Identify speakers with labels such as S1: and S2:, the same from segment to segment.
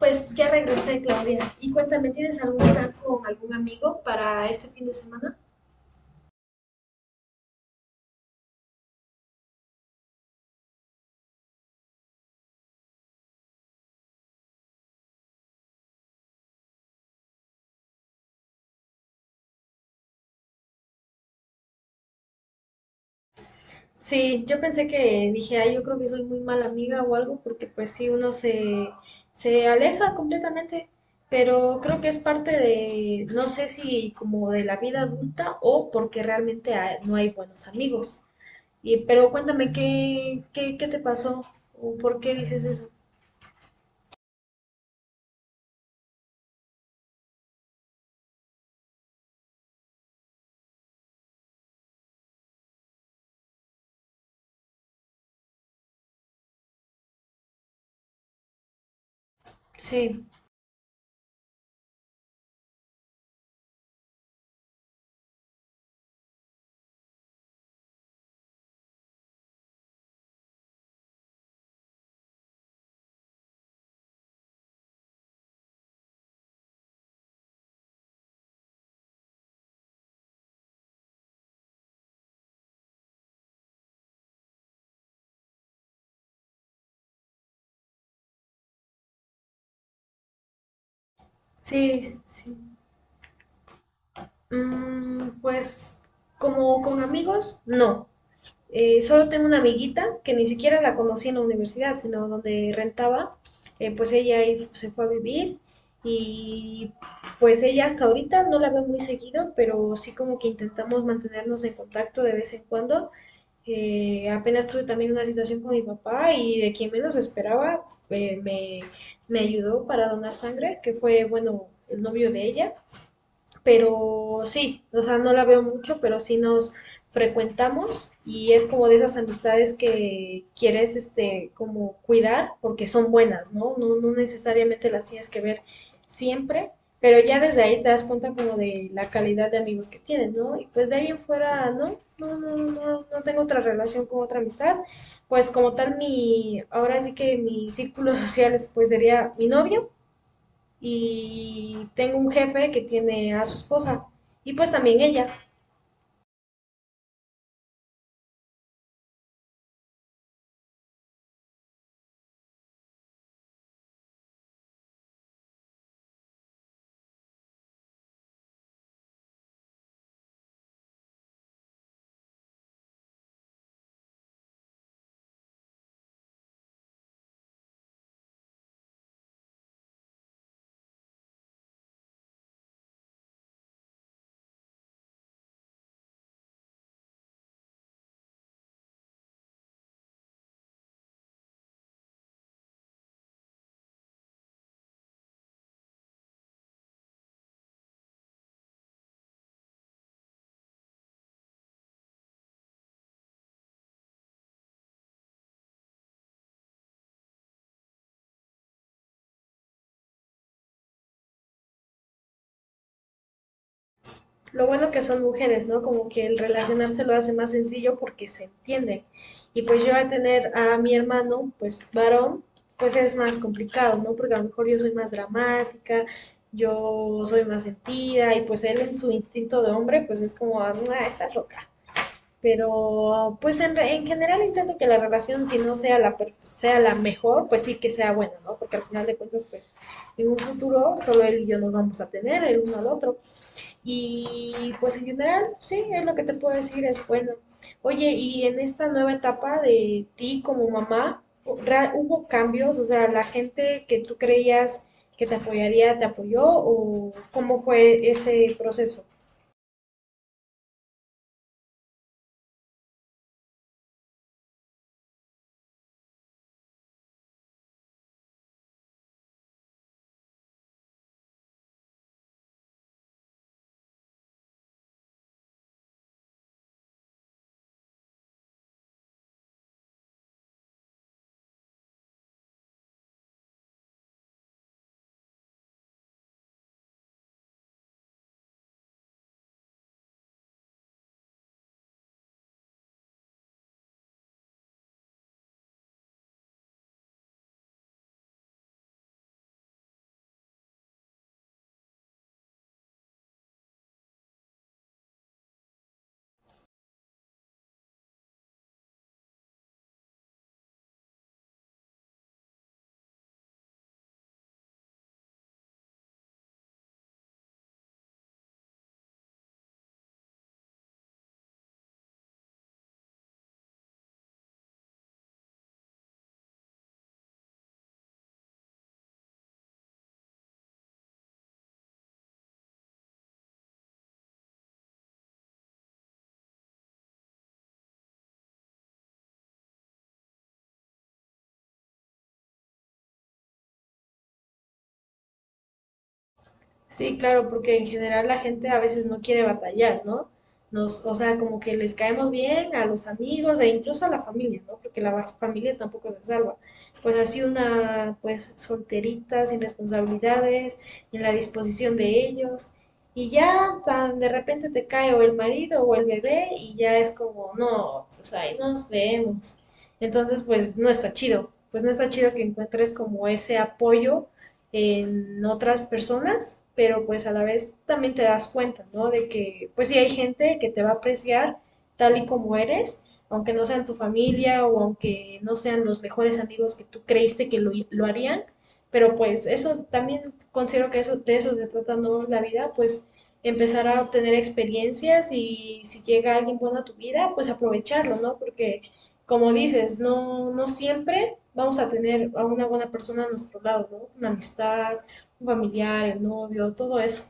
S1: Pues ya regresé, Claudia. Y cuéntame, ¿tienes algún plan con algún amigo para este fin de semana? Sí, yo pensé que dije, ay, yo creo que soy muy mala amiga o algo, porque pues sí, uno se, se aleja completamente, pero creo que es parte de, no sé si como de la vida adulta o porque realmente no hay buenos amigos. Y, pero cuéntame, ¿ qué te pasó? ¿O por qué dices eso? Sí, sí. Mm, pues como con amigos, no. Solo tengo una amiguita que ni siquiera la conocí en la universidad, sino donde rentaba. Pues ella ahí se fue a vivir y pues ella hasta ahorita no la veo muy seguido, pero sí como que intentamos mantenernos en contacto de vez en cuando. Apenas tuve también una situación con mi papá y de quien menos esperaba eh, me, me ayudó para donar sangre, que fue, bueno, el novio de ella, pero sí, o sea, no la veo mucho, pero sí nos frecuentamos y es como de esas amistades que quieres este como cuidar porque son buenas, ¿no? No, no necesariamente las tienes que ver siempre, pero ya desde ahí te das cuenta como de la calidad de amigos que tienes, ¿no? Y pues de ahí en fuera, no tengo otra relación con otra amistad, pues como tal mi, ahora sí que mi círculo social es, pues sería mi novio, y tengo un jefe que tiene a su esposa y pues también ella. Lo bueno que son mujeres, ¿no? Como que el relacionarse lo hace más sencillo porque se entienden. Y pues yo a tener a mi hermano, pues varón, pues es más complicado, ¿no? Porque a lo mejor yo soy más dramática, yo soy más sentida y pues él en su instinto de hombre, pues es como, ah, está loca. Pero pues en general intento que la relación, si no sea sea la mejor, pues sí que sea buena, ¿no? Porque al final de cuentas, pues en un futuro solo él y yo nos vamos a tener, el uno al otro. Y pues en general, sí, es lo que te puedo decir, es bueno. Oye, y en esta nueva etapa de ti como mamá, ¿hubo cambios? O sea, la gente que tú creías que te apoyaría, ¿te apoyó? ¿O cómo fue ese proceso? Sí, claro, porque en general la gente a veces no quiere batallar, ¿no? Nos, o sea, como que les caemos bien a los amigos e incluso a la familia, ¿no? Porque familia tampoco se salva. Pues así una, pues solterita, sin responsabilidades, en la disposición de ellos. Y ya tan de repente te cae o el marido o el bebé y ya es como, no, pues ahí nos vemos. Entonces, pues no está chido. Pues no está chido que encuentres como ese apoyo en otras personas, pero pues a la vez también te das cuenta, ¿no? De que pues sí hay gente que te va a apreciar tal y como eres, aunque no sean tu familia o aunque no sean los mejores amigos que tú creíste que lo harían, pero pues eso también considero que eso, de eso se trata, ¿no? La vida, pues empezar a obtener experiencias y si llega alguien bueno a tu vida, pues aprovecharlo, ¿no? Porque como dices, no siempre vamos a tener a una buena persona a nuestro lado, ¿no? Una amistad, un familiar, el novio, todo eso.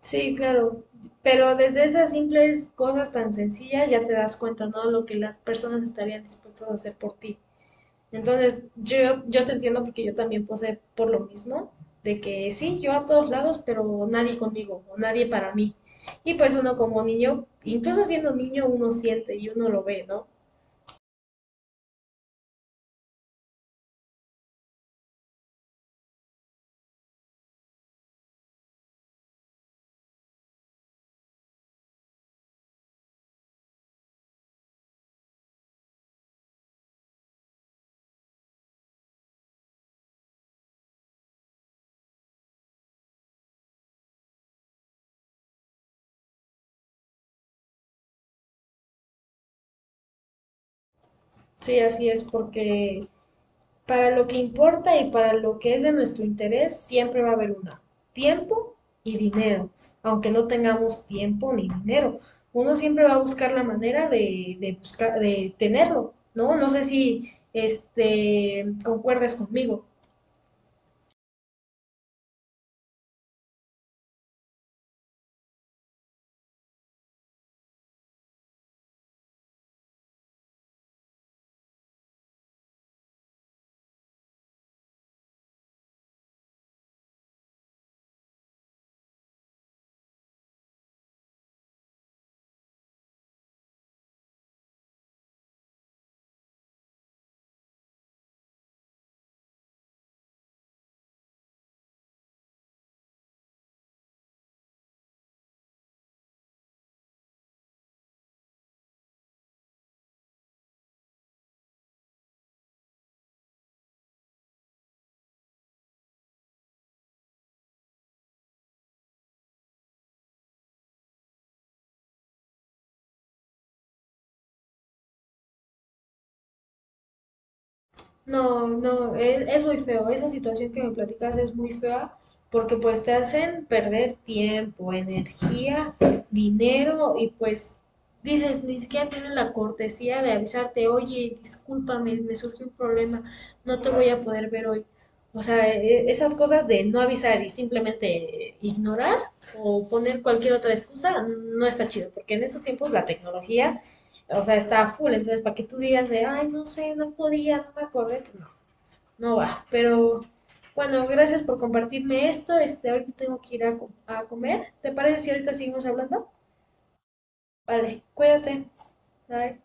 S1: Sí, claro. Pero desde esas simples cosas tan sencillas ya te das cuenta, ¿no? Lo que las personas estarían dispuestas a hacer por ti. Entonces, yo te entiendo porque yo también posé por lo mismo, de que sí, yo a todos lados, pero nadie conmigo, o nadie para mí. Y pues uno como niño, incluso siendo niño, uno siente y uno lo ve, ¿no? Sí, así es, porque para lo que importa y para lo que es de nuestro interés, siempre va a haber una. Tiempo y dinero. Aunque no tengamos tiempo ni dinero, uno siempre va a buscar la manera de buscar, de tenerlo, ¿no? No sé si este, concuerdas conmigo. No, no, es muy feo. Esa situación que me platicas es muy fea porque pues te hacen perder tiempo, energía, dinero y pues dices, ni siquiera tienen la cortesía de avisarte, oye, discúlpame, me surgió un problema, no te voy a poder ver hoy. O sea, esas cosas de no avisar y simplemente ignorar o poner cualquier otra excusa no está chido porque en estos tiempos la tecnología o sea, está full. Entonces, para que tú digas de, ay, no sé, no podía, no me acordé, no, no va. Pero bueno, gracias por compartirme esto. Este, ahorita tengo que ir a, a comer. ¿Te parece si ahorita seguimos hablando? Vale, cuídate. Bye.